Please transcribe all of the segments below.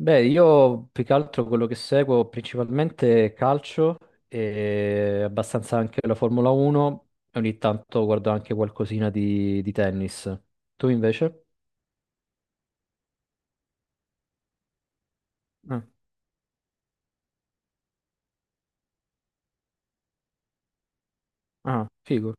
Beh, io più che altro quello che seguo principalmente è calcio e abbastanza anche la Formula 1 e ogni tanto guardo anche qualcosina di tennis. Tu invece? Ah, ah, figo.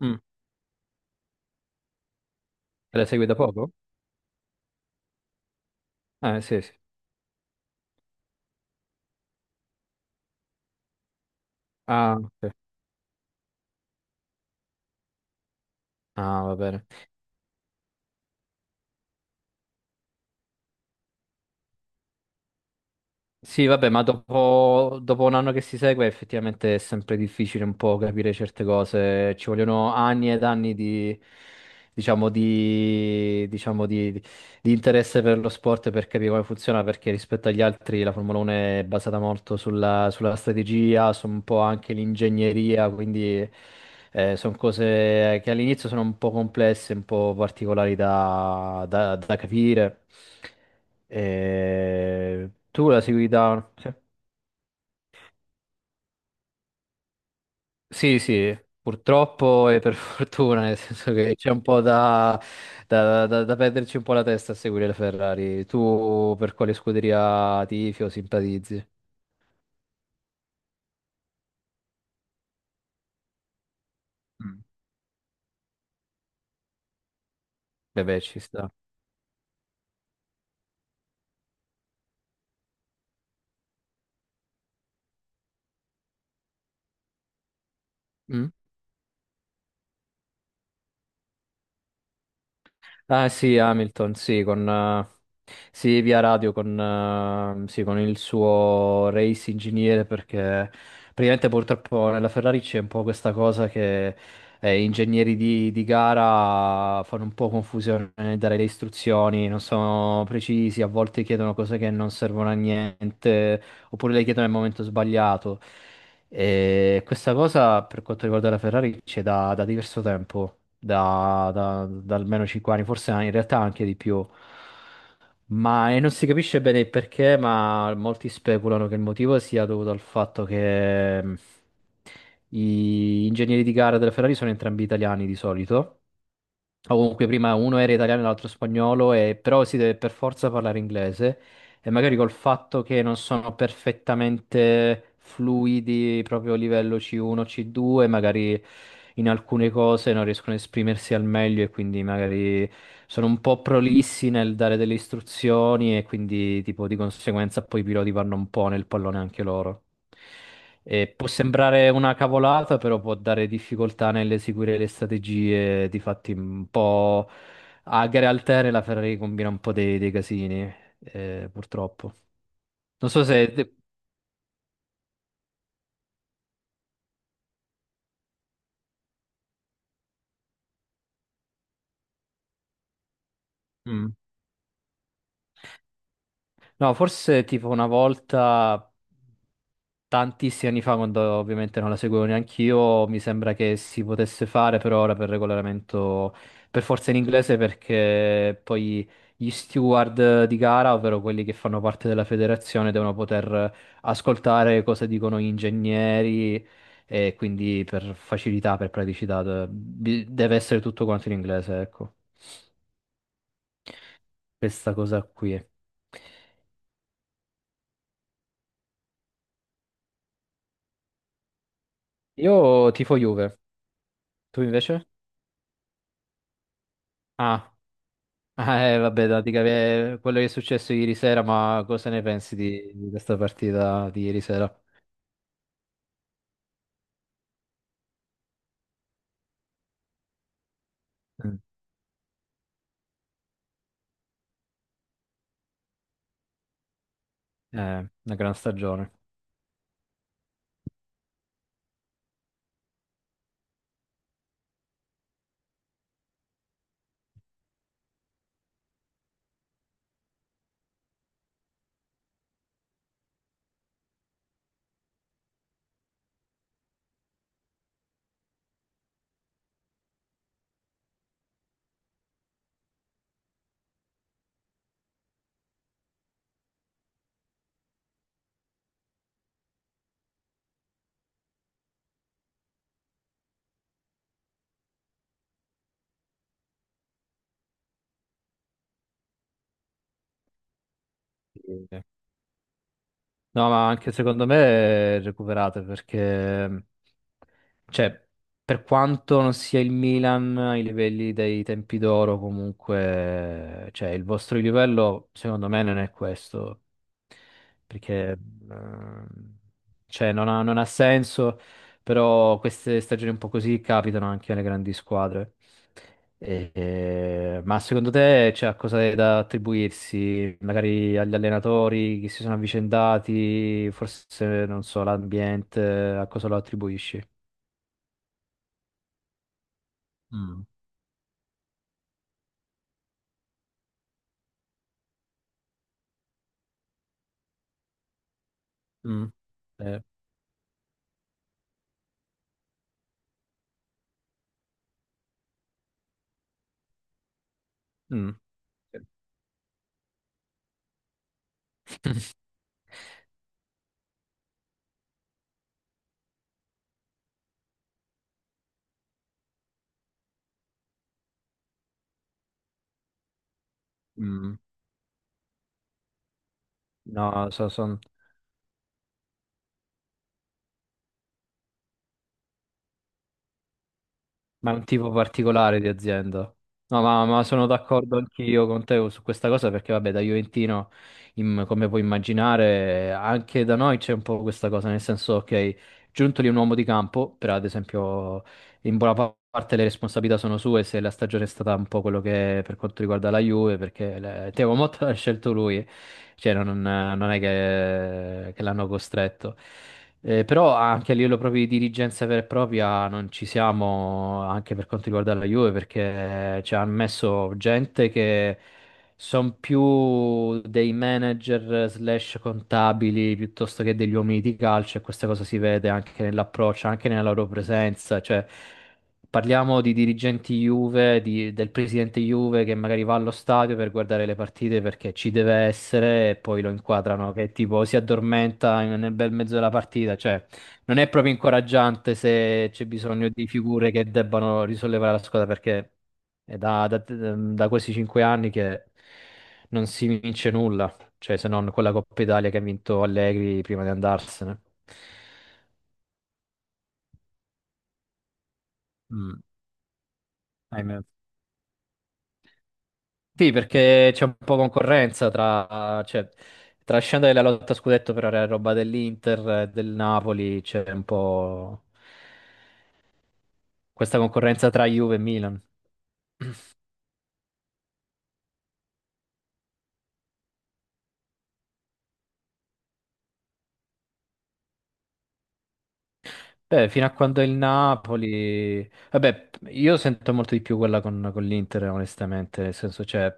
Mm. La segui da poco? Sì, sì. Ah, ok. Ah, va bene. Sì, vabbè, ma dopo un anno che si segue effettivamente è sempre difficile un po' capire certe cose. Ci vogliono anni ed anni di, diciamo, di, diciamo, di interesse per lo sport e per capire come funziona, perché rispetto agli altri la Formula 1 è basata molto sulla strategia, su un po' anche l'ingegneria, quindi sono cose che all'inizio sono un po' complesse, un po' particolari da capire. Tu la segui da. Sì. Sì, sì, purtroppo e per fortuna, nel senso che c'è un po' da perderci un po' la testa a seguire la Ferrari. Tu per quale scuderia tifi o simpatizzi? Mm. Beh, beh, ci sta. Mm? Ah sì, Hamilton, sì, con, sì, via radio con, sì, con il suo race ingegnere perché praticamente purtroppo nella Ferrari c'è un po' questa cosa che ingegneri di gara fanno un po' confusione nel dare le istruzioni, non sono precisi, a volte chiedono cose che non servono a niente oppure le chiedono nel momento sbagliato. E questa cosa per quanto riguarda la Ferrari c'è da diverso tempo, da almeno 5 anni, forse in realtà anche di più. Ma e non si capisce bene il perché, ma molti speculano che il motivo sia dovuto al fatto che gli ingegneri di gara della Ferrari sono entrambi italiani di solito. O comunque prima uno era italiano e l'altro spagnolo, però si deve per forza parlare inglese e magari col fatto che non sono perfettamente fluidi proprio a livello C1, C2, magari in alcune cose non riescono a esprimersi al meglio e quindi magari sono un po' prolissi nel dare delle istruzioni e quindi tipo di conseguenza poi i piloti vanno un po' nel pallone anche loro. E può sembrare una cavolata, però può dare difficoltà nell'eseguire le strategie, difatti un po' a gare alterne la Ferrari combina un po' dei casini purtroppo. Non so se. Mm. No, forse tipo una volta, tantissimi anni fa, quando ovviamente non la seguivo neanche io, mi sembra che si potesse fare, però ora per regolamento, per forza in inglese, perché poi gli steward di gara, ovvero quelli che fanno parte della federazione, devono poter ascoltare cosa dicono gli ingegneri e quindi per facilità, per praticità, deve essere tutto quanto in inglese, ecco questa cosa qui. Io tifo Juve, tu invece? Ah, ah, vabbè, dica, quello che è successo ieri sera, ma cosa ne pensi di questa partita di ieri sera? Mm. Una gran stagione. Sì. No, ma anche secondo me è recuperate perché, cioè, per quanto non sia il Milan ai livelli dei tempi d'oro, comunque, cioè, il vostro livello secondo me non è questo, perché, ehm, cioè, non ha senso, però queste stagioni un po' così capitano anche alle grandi squadre. Ma secondo te c'è qualcosa da attribuirsi magari agli allenatori che si sono avvicendati, forse non so, l'ambiente, a cosa lo attribuisci? Mm, mm, Eh, mm, mm. No, ma è un tipo particolare di azienda. No, ma, sono d'accordo anch'io con te su questa cosa perché vabbè, da Juventino, come puoi immaginare, anche da noi c'è un po' questa cosa, nel senso, ok, Giuntoli è un uomo di campo, per ad esempio. In buona parte le responsabilità sono sue se la stagione è stata un po' quello che è per quanto riguarda la Juve, perché Thiago Motta l'ha scelto lui, cioè non è che, l'hanno costretto. Però anche a livello proprio di dirigenza vera e propria non ci siamo anche per quanto riguarda la Juve, perché ci hanno messo gente che sono più dei manager slash contabili piuttosto che degli uomini di calcio e questa cosa si vede anche nell'approccio, anche nella loro presenza. Cioè, parliamo di dirigenti Juve, del presidente Juve che magari va allo stadio per guardare le partite perché ci deve essere e poi lo inquadrano che tipo si addormenta nel bel mezzo della partita. Cioè, non è proprio incoraggiante se c'è bisogno di figure che debbano risollevare la squadra perché è da questi 5 anni che non si vince nulla, cioè se non quella Coppa Italia che ha vinto Allegri prima di andarsene. Mm, ahimè. Sì, perché c'è un po' concorrenza tra, cioè, tra scendere la lotta a scudetto per la roba dell'Inter, del Napoli, c'è un po' questa concorrenza tra Juve e Milan. Beh, fino a quando il Napoli. Vabbè, io sento molto di più quella con l'Inter, onestamente, nel senso, cioè,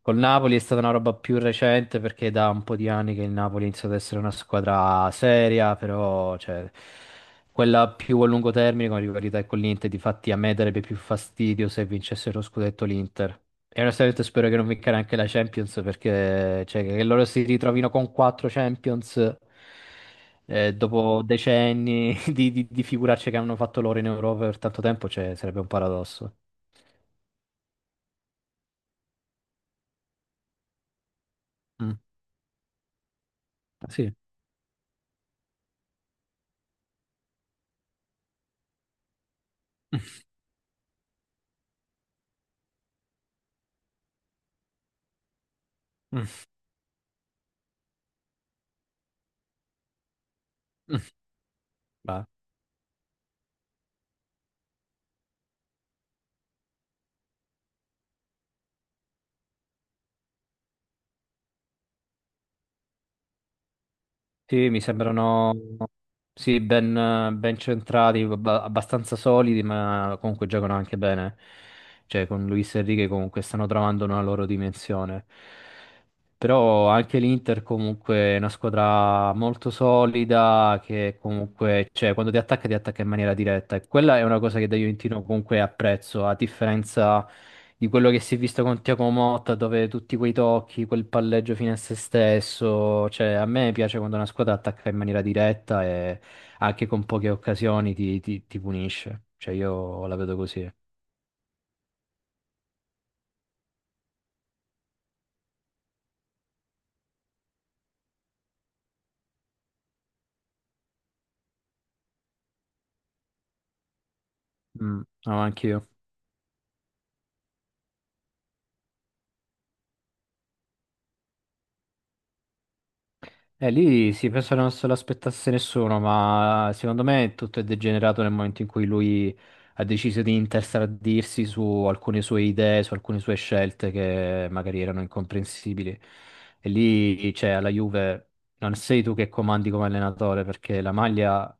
col Napoli è stata una roba più recente perché è da un po' di anni che il Napoli inizia ad essere una squadra seria, però, cioè, quella più a lungo termine con la rivalità è con l'Inter, difatti a me darebbe più fastidio se vincesse lo scudetto l'Inter. E onestamente spero che non vinca neanche la Champions perché, cioè, che loro si ritrovino con quattro Champions. Dopo decenni di figuracce che hanno fatto loro in Europa per tanto tempo, cioè, sarebbe un paradosso. Mm. Sì. Mm, mm. Beh, sì, mi sembrano sì, ben centrati, abbastanza solidi, ma comunque giocano anche bene. Cioè, con Luis Enrique comunque stanno trovando una loro dimensione. Però anche l'Inter comunque è una squadra molto solida che comunque, cioè, quando ti attacca in maniera diretta e quella è una cosa che da Juventino comunque apprezzo, a differenza di quello che si è visto con Thiago Motta dove tutti quei tocchi, quel palleggio fine a se stesso, cioè a me piace quando una squadra attacca in maniera diretta e anche con poche occasioni ti punisce, cioè io la vedo così. Mm, no, anch'io. Lì sì, penso che non se l'aspettasse nessuno, ma secondo me tutto è degenerato nel momento in cui lui ha deciso di interstradirsi su alcune sue idee, su alcune sue scelte che magari erano incomprensibili. E lì, cioè, alla Juve non sei tu che comandi come allenatore, perché la maglia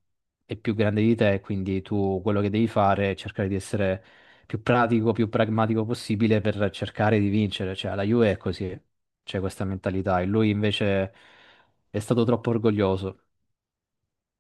è più grande di te, quindi tu quello che devi fare è cercare di essere più pratico, più pragmatico possibile per cercare di vincere. Cioè, alla Juve è così, c'è questa mentalità. E lui invece. È stato troppo orgoglioso.